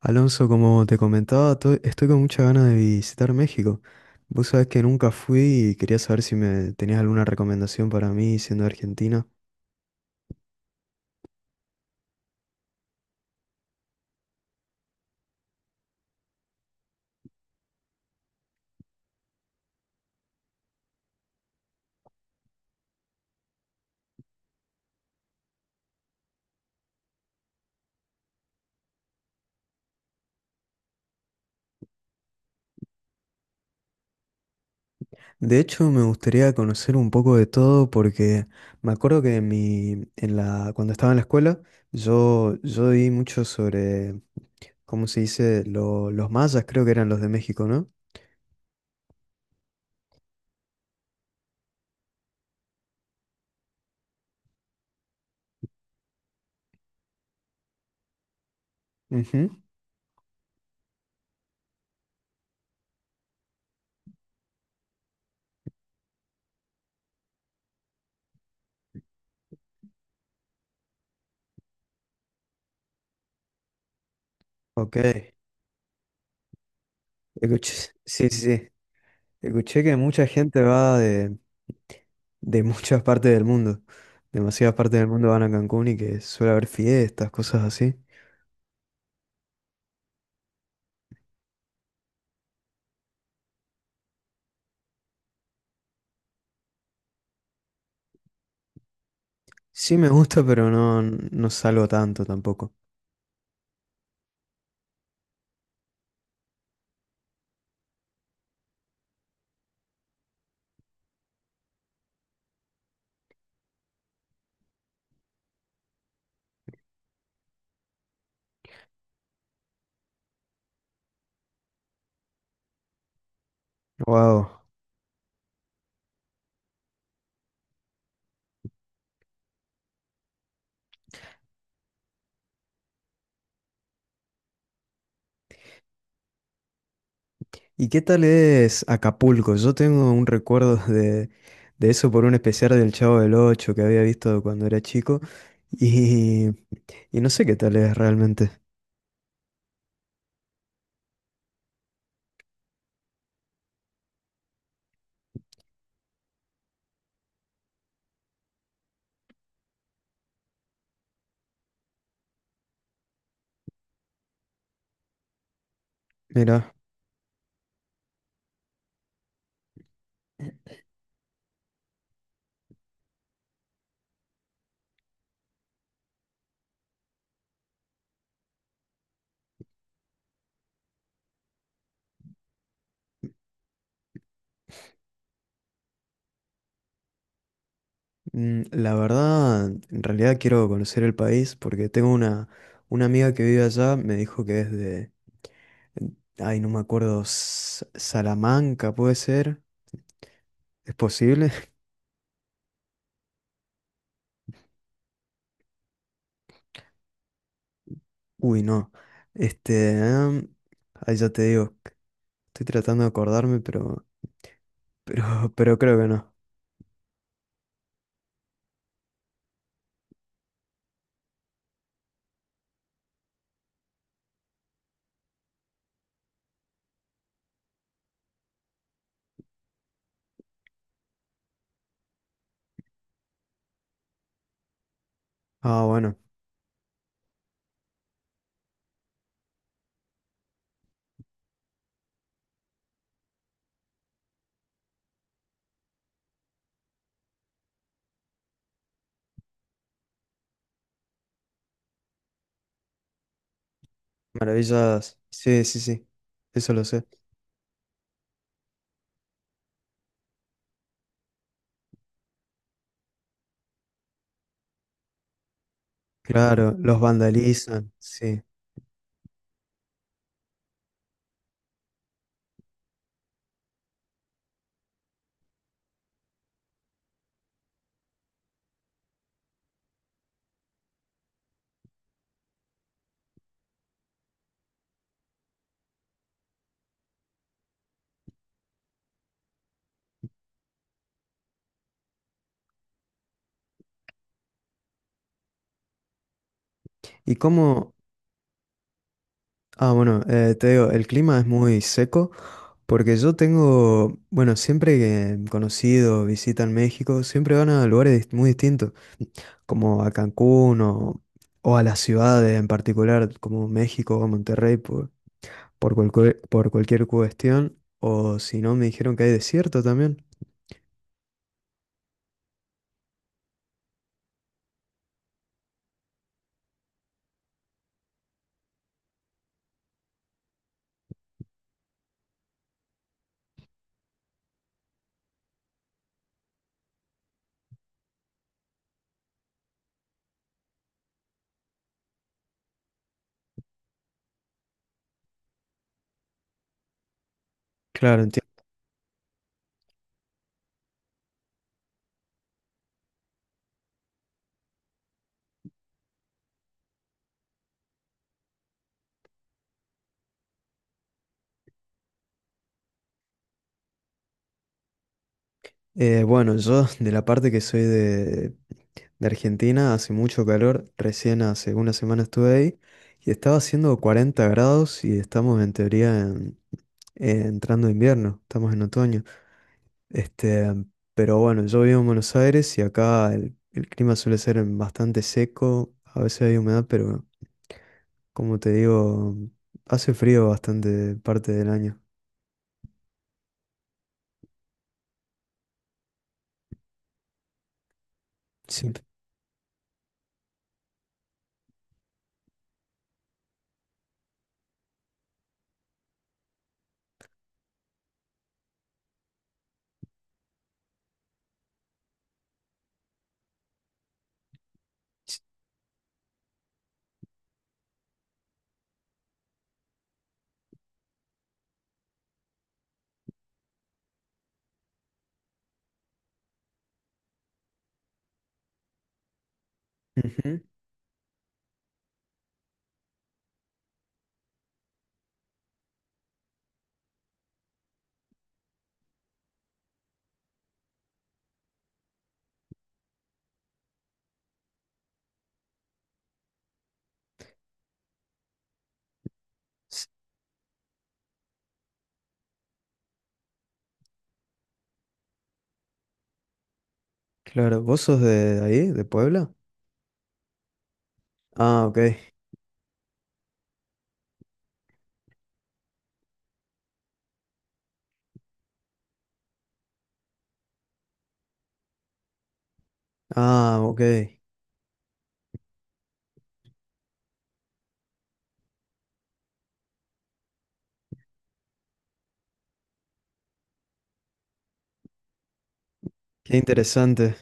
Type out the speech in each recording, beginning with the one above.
Alonso, como te comentaba, estoy con muchas ganas de visitar México. Vos sabés que nunca fui y quería saber si me tenías alguna recomendación para mí siendo de Argentina. De hecho, me gustaría conocer un poco de todo porque me acuerdo que en mi, en la, cuando estaba en la escuela, yo di mucho sobre, ¿cómo se dice? Los mayas, creo que eran los de México, ¿no? Ujú. Ok. Escuché, sí, sí, sí. Escuché que mucha gente va de muchas partes del mundo. Demasiadas partes del mundo van a Cancún y que suele haber fiestas, cosas así. Sí me gusta, pero no, no salgo tanto tampoco. Wow. ¿Y qué tal es Acapulco? Yo tengo un recuerdo de eso por un especial del Chavo del Ocho que había visto cuando era chico y, y no sé qué tal es realmente. Mira, la verdad, en realidad quiero conocer el país porque tengo una amiga que vive allá, me dijo que es de, ay, no me acuerdo, S- Salamanca puede ser, ¿es posible? Uy, no. Este, em, ahí ya te digo, estoy tratando de acordarme, pero... Pero creo que no. Ah, bueno, maravillas. Sí, sí, sí. Eso lo sé. Claro, los vandalizan, sí. ¿Y cómo? Ah, bueno, te digo, el clima es muy seco porque yo tengo, bueno, siempre que conocidos visitan México, siempre van a lugares muy distintos, como a Cancún o a las ciudades en particular, como México o Monterrey, por cualquier cuestión. O si no, me dijeron que hay desierto también. Claro, bueno, yo de la parte que soy de Argentina, hace mucho calor, recién hace una semana estuve ahí y estaba haciendo 40 grados y estamos en teoría entrando invierno, estamos en otoño. Este, pero bueno, yo vivo en Buenos Aires y acá el clima suele ser bastante seco, a veces hay humedad, pero como te digo, hace frío bastante parte del año. Sí. Ujú. S- Claro, ¿vos sos de ahí, de Puebla? Ah, ok. Ah, ok. Qué interesante.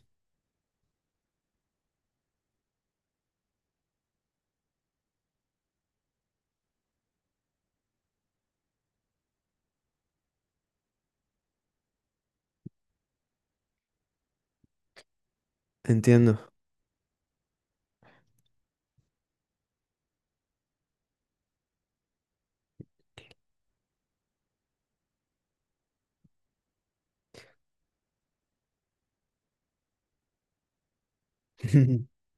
Entiendo.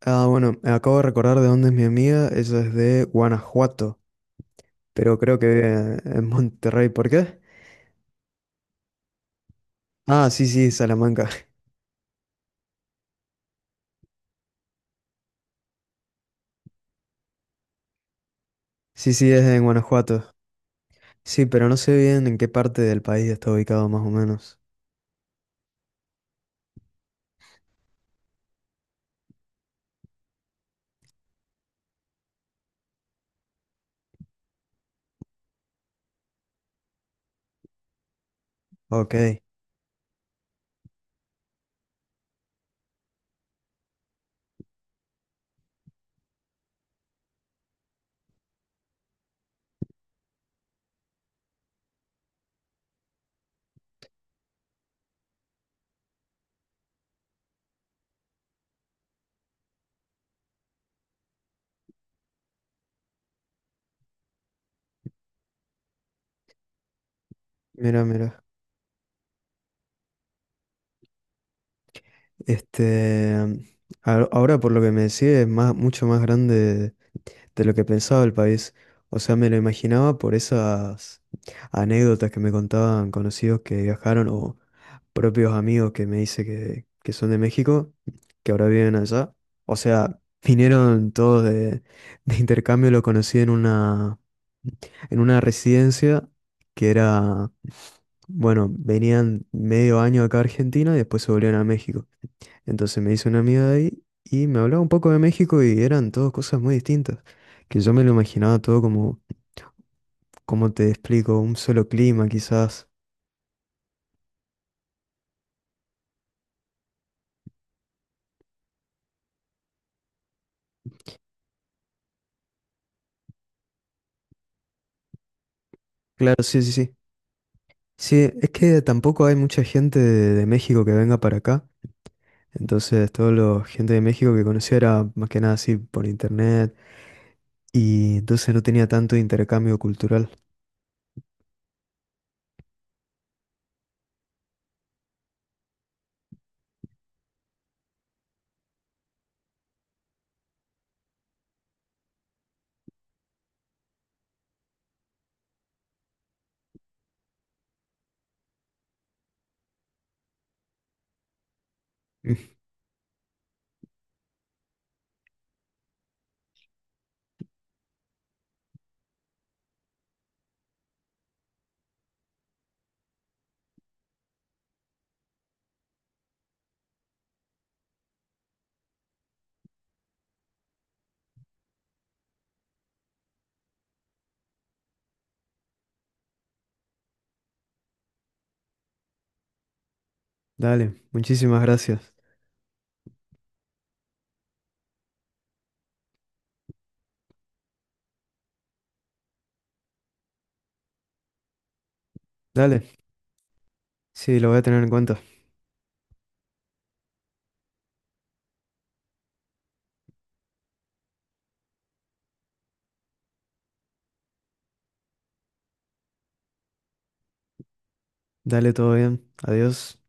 Ah, bueno, me acabo de recordar de dónde es mi amiga. Ella es de Guanajuato, pero creo que vive en Monterrey. ¿Por qué? Ah, sí, sí, Salamanca. Sí, sí, es en Guanajuato. Sí, pero no sé bien en qué parte del país está ubicado más o menos. Ok, mira, mira. Este, ahora por lo que me decís es más, mucho más grande de lo que pensaba el país. O sea, me lo imaginaba por esas anécdotas que me contaban conocidos que viajaron o propios amigos que me dice que son de México, que ahora viven allá. O sea, vinieron todos de, de intercambio, lo conocí en una residencia que era, bueno, venían medio año acá a Argentina y después se volvían a México. Entonces me hice una amiga de ahí y me hablaba un poco de México y eran todas cosas muy distintas, que yo me lo imaginaba todo como, como te explico, un solo clima quizás. Claro, sí, sí, sí. Sí, es que tampoco hay mucha gente de México que venga para acá. Entonces, toda la gente de México que conocía era más que nada así por internet y entonces no tenía tanto intercambio cultural. Mm, dale, muchísimas gracias. Dale, sí, lo voy a tener en cuenta. Dale, todo bien. Adiós.